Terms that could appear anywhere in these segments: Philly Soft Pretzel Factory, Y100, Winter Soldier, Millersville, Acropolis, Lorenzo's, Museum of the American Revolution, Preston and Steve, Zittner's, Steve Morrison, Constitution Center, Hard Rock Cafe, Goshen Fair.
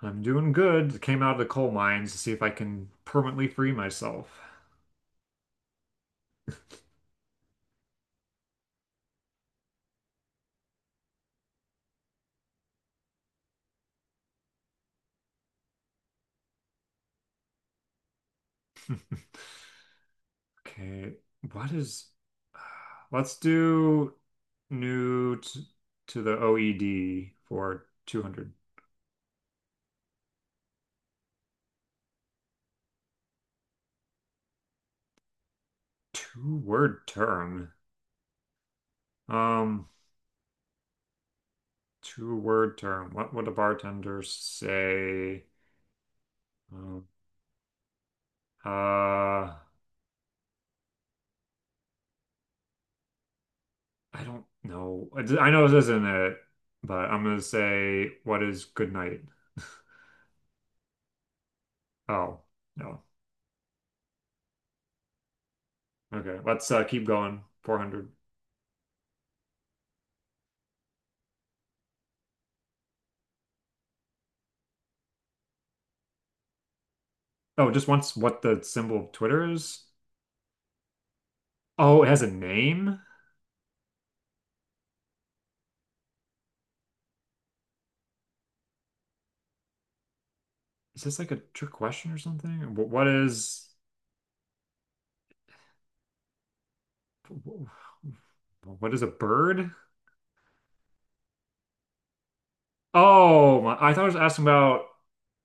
I'm doing good. Came out of the coal mines to see if I can permanently free myself. Okay, what is, let's do new t to the OED for 200. Two word term. Um, two word term. What would a bartender say? Um, I don't know. I know this isn't it, but I'm gonna say, what is good night? Oh, no. Okay, let's keep going. 400. Oh, it just wants what the symbol of Twitter is? Oh, it has a name? Is this like a trick question or something? What is a bird? Oh, my, I thought I was asking about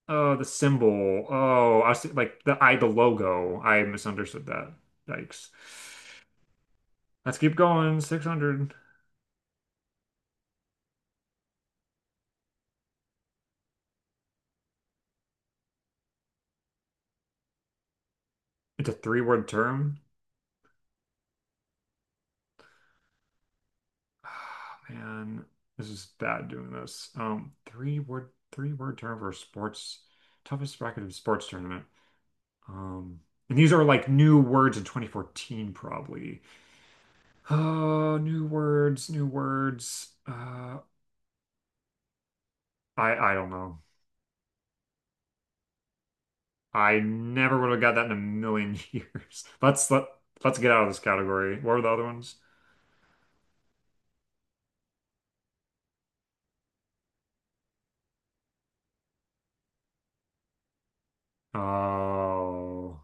the symbol. Oh, I see like the logo. I misunderstood that. Yikes. Let's keep going. 600. It's a three-word term. Oh, man, this is bad doing this. Three-word term for sports toughest bracket of sports tournament. Um, and these are like new words in 2014, probably. Oh, new words, new words. I don't know. I never would have got that in a million years. Let's get out of this category. What were the other ones? Oh,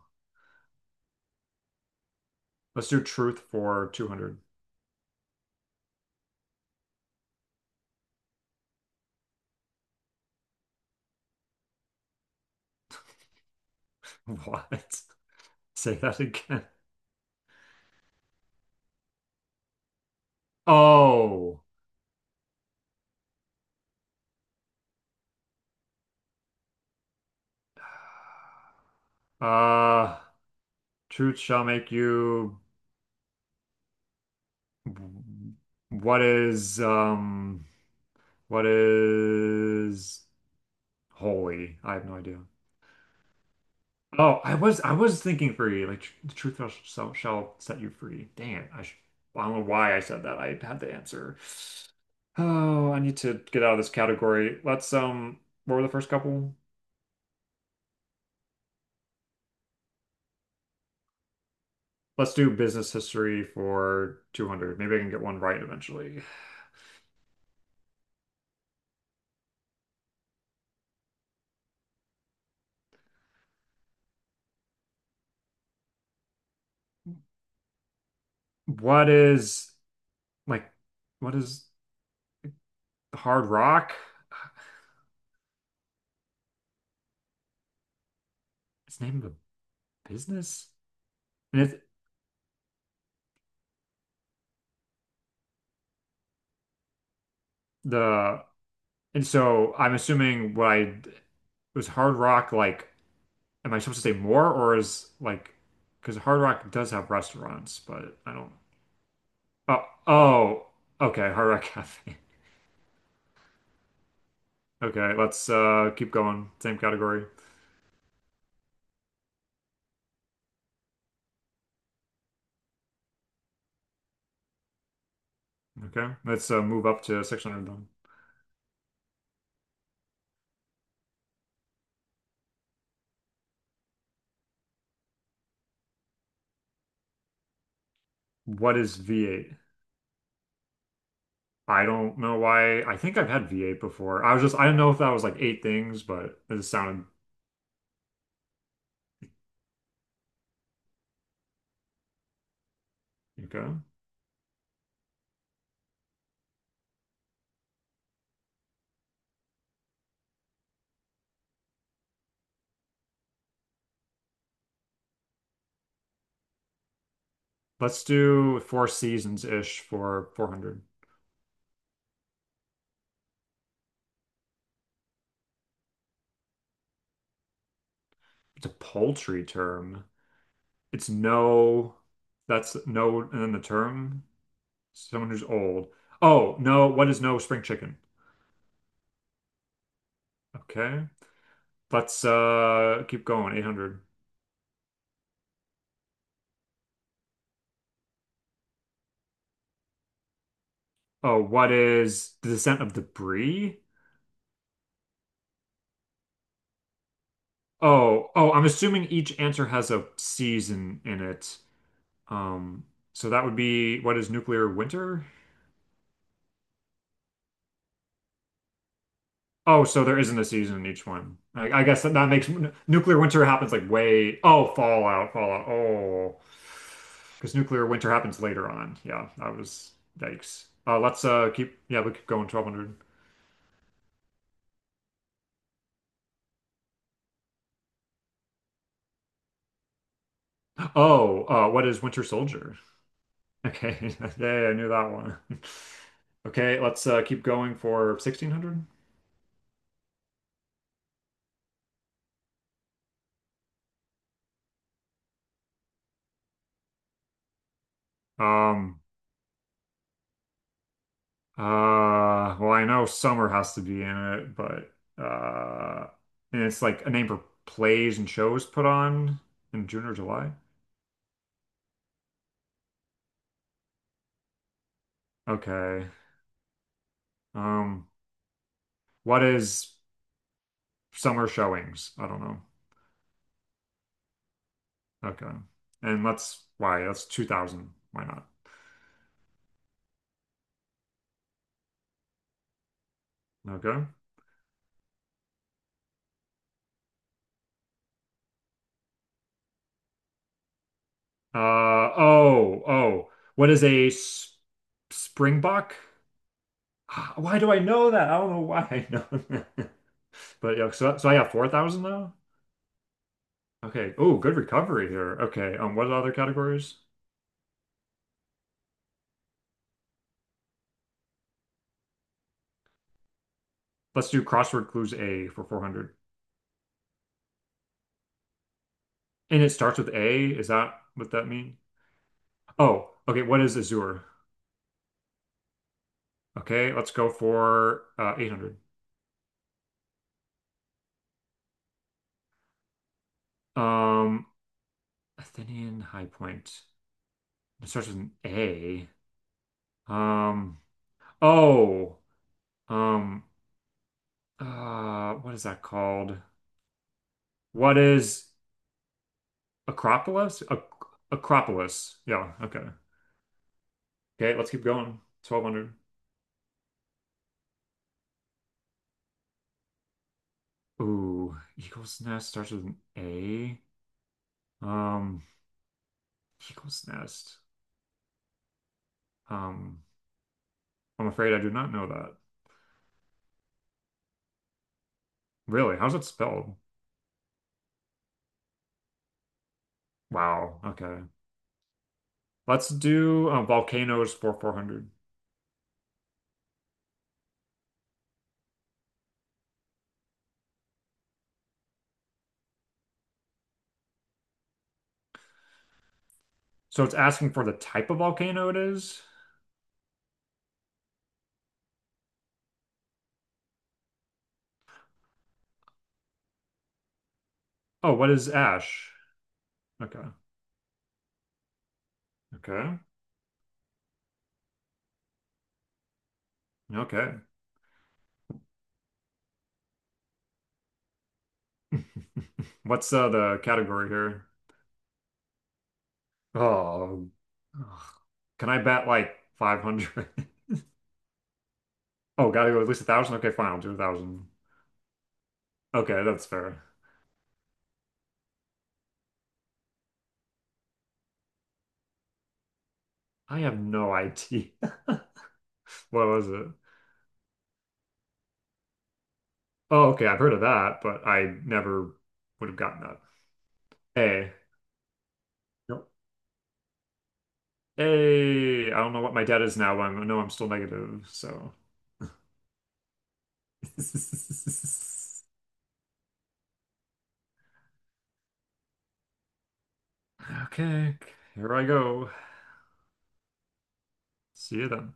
let's do truth for 200. What? Say that again. Oh, uh, truth shall make you. What is um? What is Holy, I have no idea. Oh, I was thinking free, like tr the truth shall, shall set you free. Dang I don't know why I said that. I had the answer. Oh, I need to get out of this category. Let's what were the first couple? Let's do business history for 200. Maybe I can get one right eventually. What is like, what is Hard Rock? It's the name of a business, and it's the and so I'm assuming what I was Hard Rock like. Am I supposed to say more or is like because Hard Rock does have restaurants, but I don't. Oh, oh, okay, Hard Rock Cafe. Okay, let's keep going. Same category. Okay, let's move up to 600 then. What is V8? I don't know why. I think I've had V8 before. I was just I didn't know if that was like eight things, but it just sounded okay. Let's do four seasons ish for 400. It's a poultry term. It's no, that's no, and then the term. Someone who's old. Oh, no, what is no spring chicken? Okay. Let's keep going. 800. Oh, what is the descent of the Bree? Oh, oh, I'm assuming each answer has a season in it. Um, so that would be what is nuclear winter? Oh, so there isn't a season in each one. I guess that makes nuclear winter happens like way. Oh, Fallout, Fallout. Oh, because nuclear winter happens later on. Yeah, that was yikes. Let's keep. Yeah, we keep going. 1200. Oh, what is Winter Soldier? Okay, yeah, I knew that one. Okay, let's keep going for 1600. Um. Well, I know Summer has to be in it, but uh, and it's like a name for plays and shows put on in June or July. Okay. Um, what is summer showings? I don't know. Okay. And let's why that's 2000. Why not? Okay. Oh. What is a s springbok? Ah, why do I know that? I don't know why I know that. But yeah, so, so I got 4,000 now? Okay. Oh, good recovery here. Okay. What are the other categories? Let's do crossword clues A for 400. And it starts with A. Is that what that mean? Oh, okay. What is Azure? Okay. Let's go for 800. Um, Athenian High Point. It starts with an A. Um, oh, um, what is that called? What is Acropolis? Ac Acropolis. Yeah. Okay. Okay. Let's keep going. 1200. Ooh, Eagle's Nest starts with an A. Um, Eagle's Nest. Um, I'm afraid I do not know that. Really? How's it spelled? Wow. Okay. Let's do volcanoes for 400. So it's asking for the type of volcano it is. Oh, what is ash? Okay. Okay. Okay. What's the category here? Oh, ugh. Can I bet like 500? Oh, gotta go at least 1,000? Okay, fine. I'll do 1,000. Okay, that's fair. I have no idea. What was it? Oh, okay. I've heard of that, but I never would have gotten that. A. Nope. A. I don't know what my debt is now, but I know I'm still negative. So, okay. Here I go. See you then.